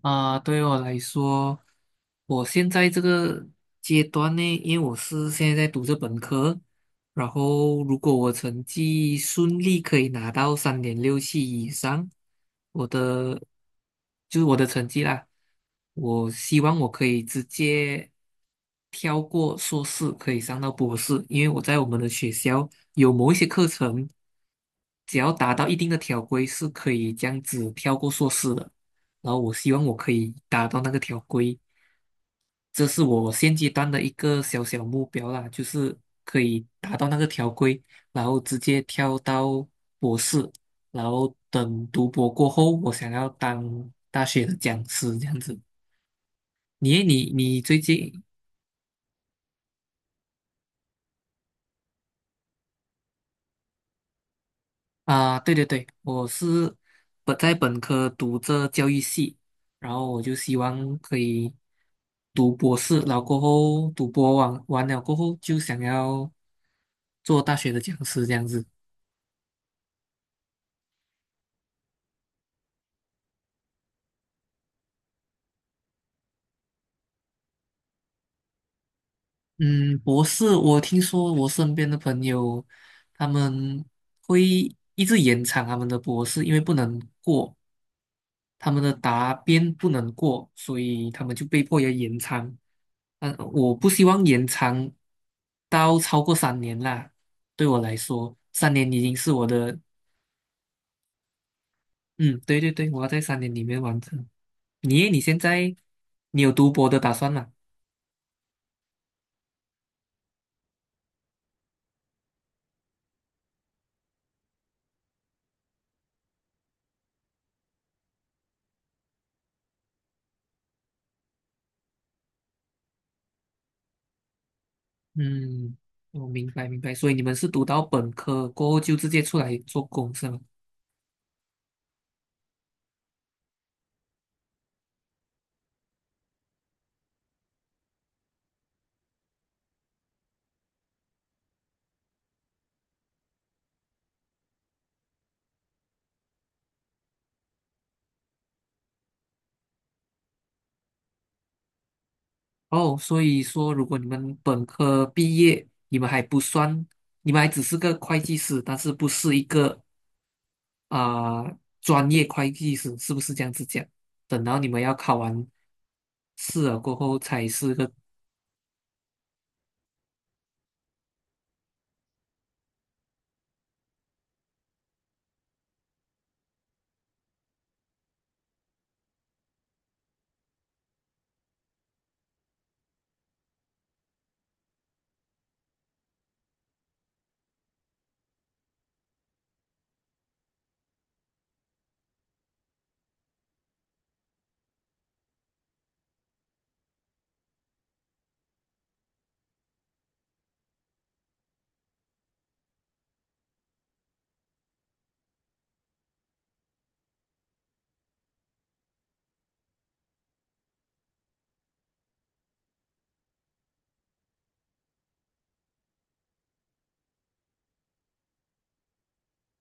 啊，对我来说，我现在这个阶段呢，因为我是现在在读着本科，然后如果我成绩顺利可以拿到3.67以上，我的就是我的成绩啦，我希望我可以直接跳过硕士，可以上到博士，因为我在我们的学校有某一些课程，只要达到一定的条规，是可以这样子跳过硕士的。然后我希望我可以达到那个条规，这是我现阶段的一个小小目标啦，就是可以达到那个条规，然后直接跳到博士，然后等读博过后，我想要当大学的讲师这样子。你诶你你最近。啊，对对对，我是在本科读这教育系，然后我就希望可以读博士，然后过后读博完了过后就想要做大学的讲师这样子。嗯，博士，我听说我身边的朋友他们会一直延长他们的博士，因为不能过，他们的答辩不能过，所以他们就被迫要延长。嗯，我不希望延长到超过三年啦。对我来说，三年已经是我的，嗯，对对对，我要在三年里面完成。你你现在你有读博的打算吗？嗯，我明白明白。所以你们是读到本科过后就直接出来做工是吗？哦，所以说如果你们本科毕业，你们还不算，你们还只是个会计师，但是不是一个啊、专业会计师是不是这样子讲？等到你们要考完试了过后才是个，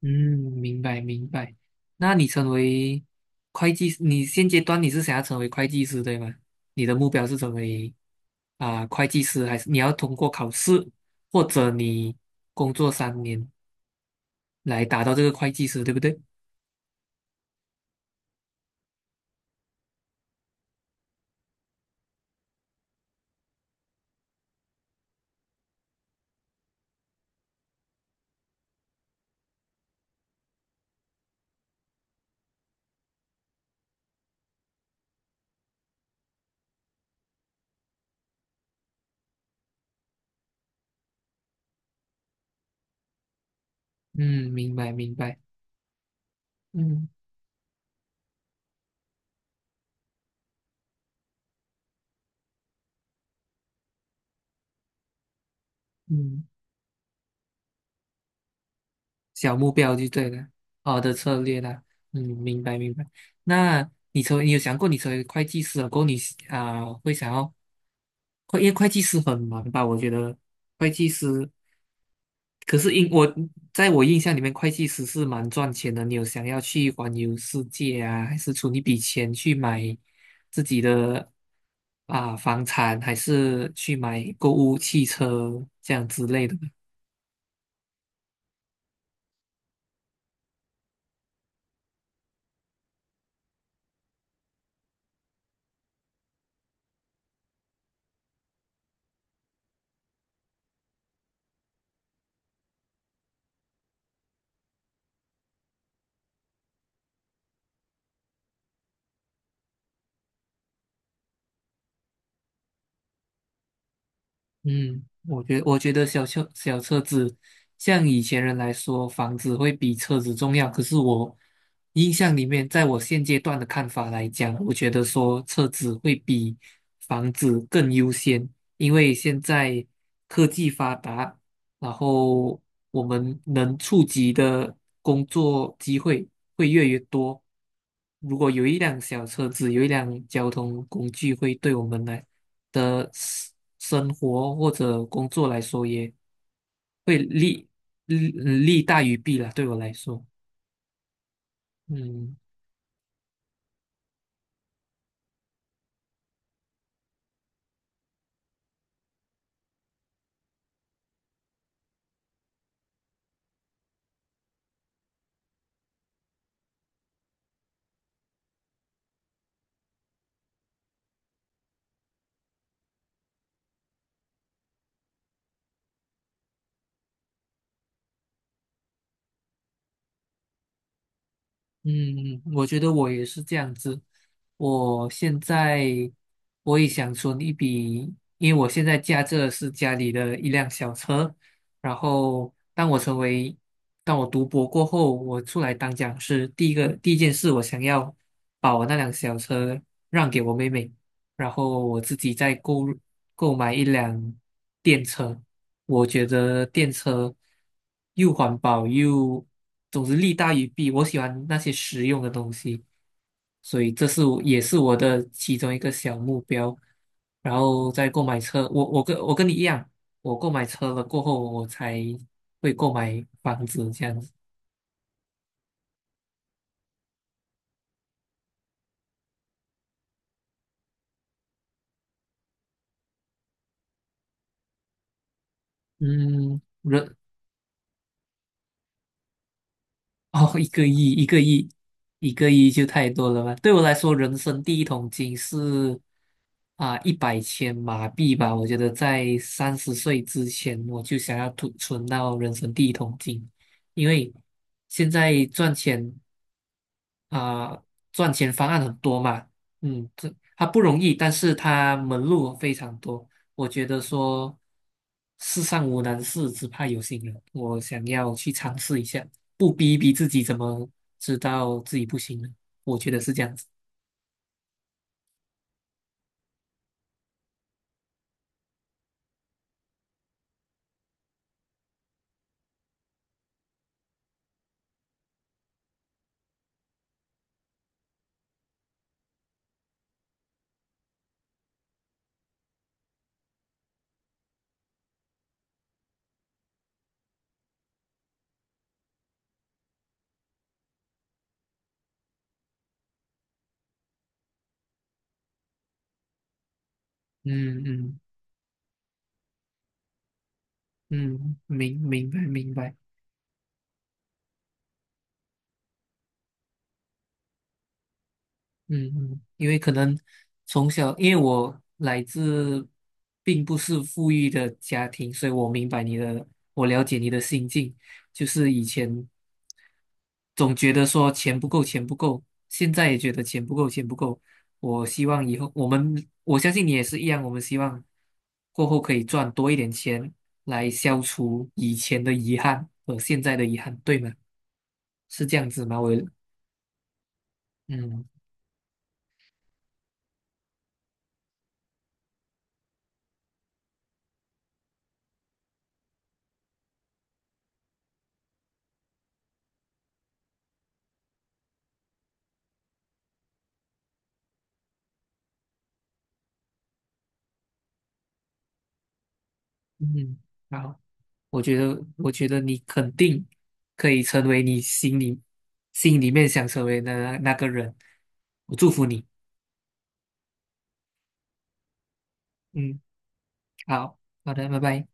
嗯，明白明白。那你成为会计，你现阶段你是想要成为会计师对吗？你的目标是成为会计师，还是你要通过考试，或者你工作三年来达到这个会计师，对不对？嗯，明白明白。嗯嗯。小目标就对了，好的策略啦。嗯，明白明白。那你成为你有想过你成为会计师了过后你会想要会，因为会计师很忙吧？我觉得会计师，可是因我在我印象里面，会计师是蛮赚钱的。你有想要去环游世界啊，还是存一笔钱去买自己的房产，还是去买购物汽车这样之类的？嗯，我觉得小车子，像以前人来说，房子会比车子重要。可是我印象里面，在我现阶段的看法来讲，我觉得说车子会比房子更优先，因为现在科技发达，然后我们能触及的工作机会会越来越多。如果有一辆小车子，有一辆交通工具，会对我们来的生活或者工作来说，也会利大于弊啦。对我来说，嗯。嗯，我觉得我也是这样子。我现在我也想存一笔，因为我现在驾着是家里的一辆小车。然后，当我成为，当我读博过后，我出来当讲师，第一件事，我想要把我那辆小车让给我妹妹，然后我自己再购买一辆电车。我觉得电车又环保又，总之利大于弊。我喜欢那些实用的东西，所以这是我也是我的其中一个小目标。然后再购买车，我跟你一样，我购买车了过后，我才会购买房子这样子。嗯，人 哦，1亿就太多了吧？对我来说，人生第一桶金是啊一百千马币吧。我觉得在30岁之前，我就想要存到人生第一桶金，因为现在赚钱。啊、赚钱方案很多嘛，嗯，这它不容易，但是它门路非常多。我觉得说世上无难事，只怕有心人。我想要去尝试一下，不逼一逼自己，怎么知道自己不行呢？我觉得是这样子。嗯嗯嗯，明白嗯嗯，因为可能从小，因为我来自并不是富裕的家庭，所以我明白你的，我了解你的心境，就是以前总觉得说钱不够，钱不够，现在也觉得钱不够，钱不够。我希望以后我们，我相信你也是一样，我们希望过后可以赚多一点钱，来消除以前的遗憾和现在的遗憾，对吗？是这样子吗？我，嗯嗯，好，我觉得，我觉得你肯定可以成为你心里面想成为的那个人，我祝福你。嗯，好，好的，拜拜。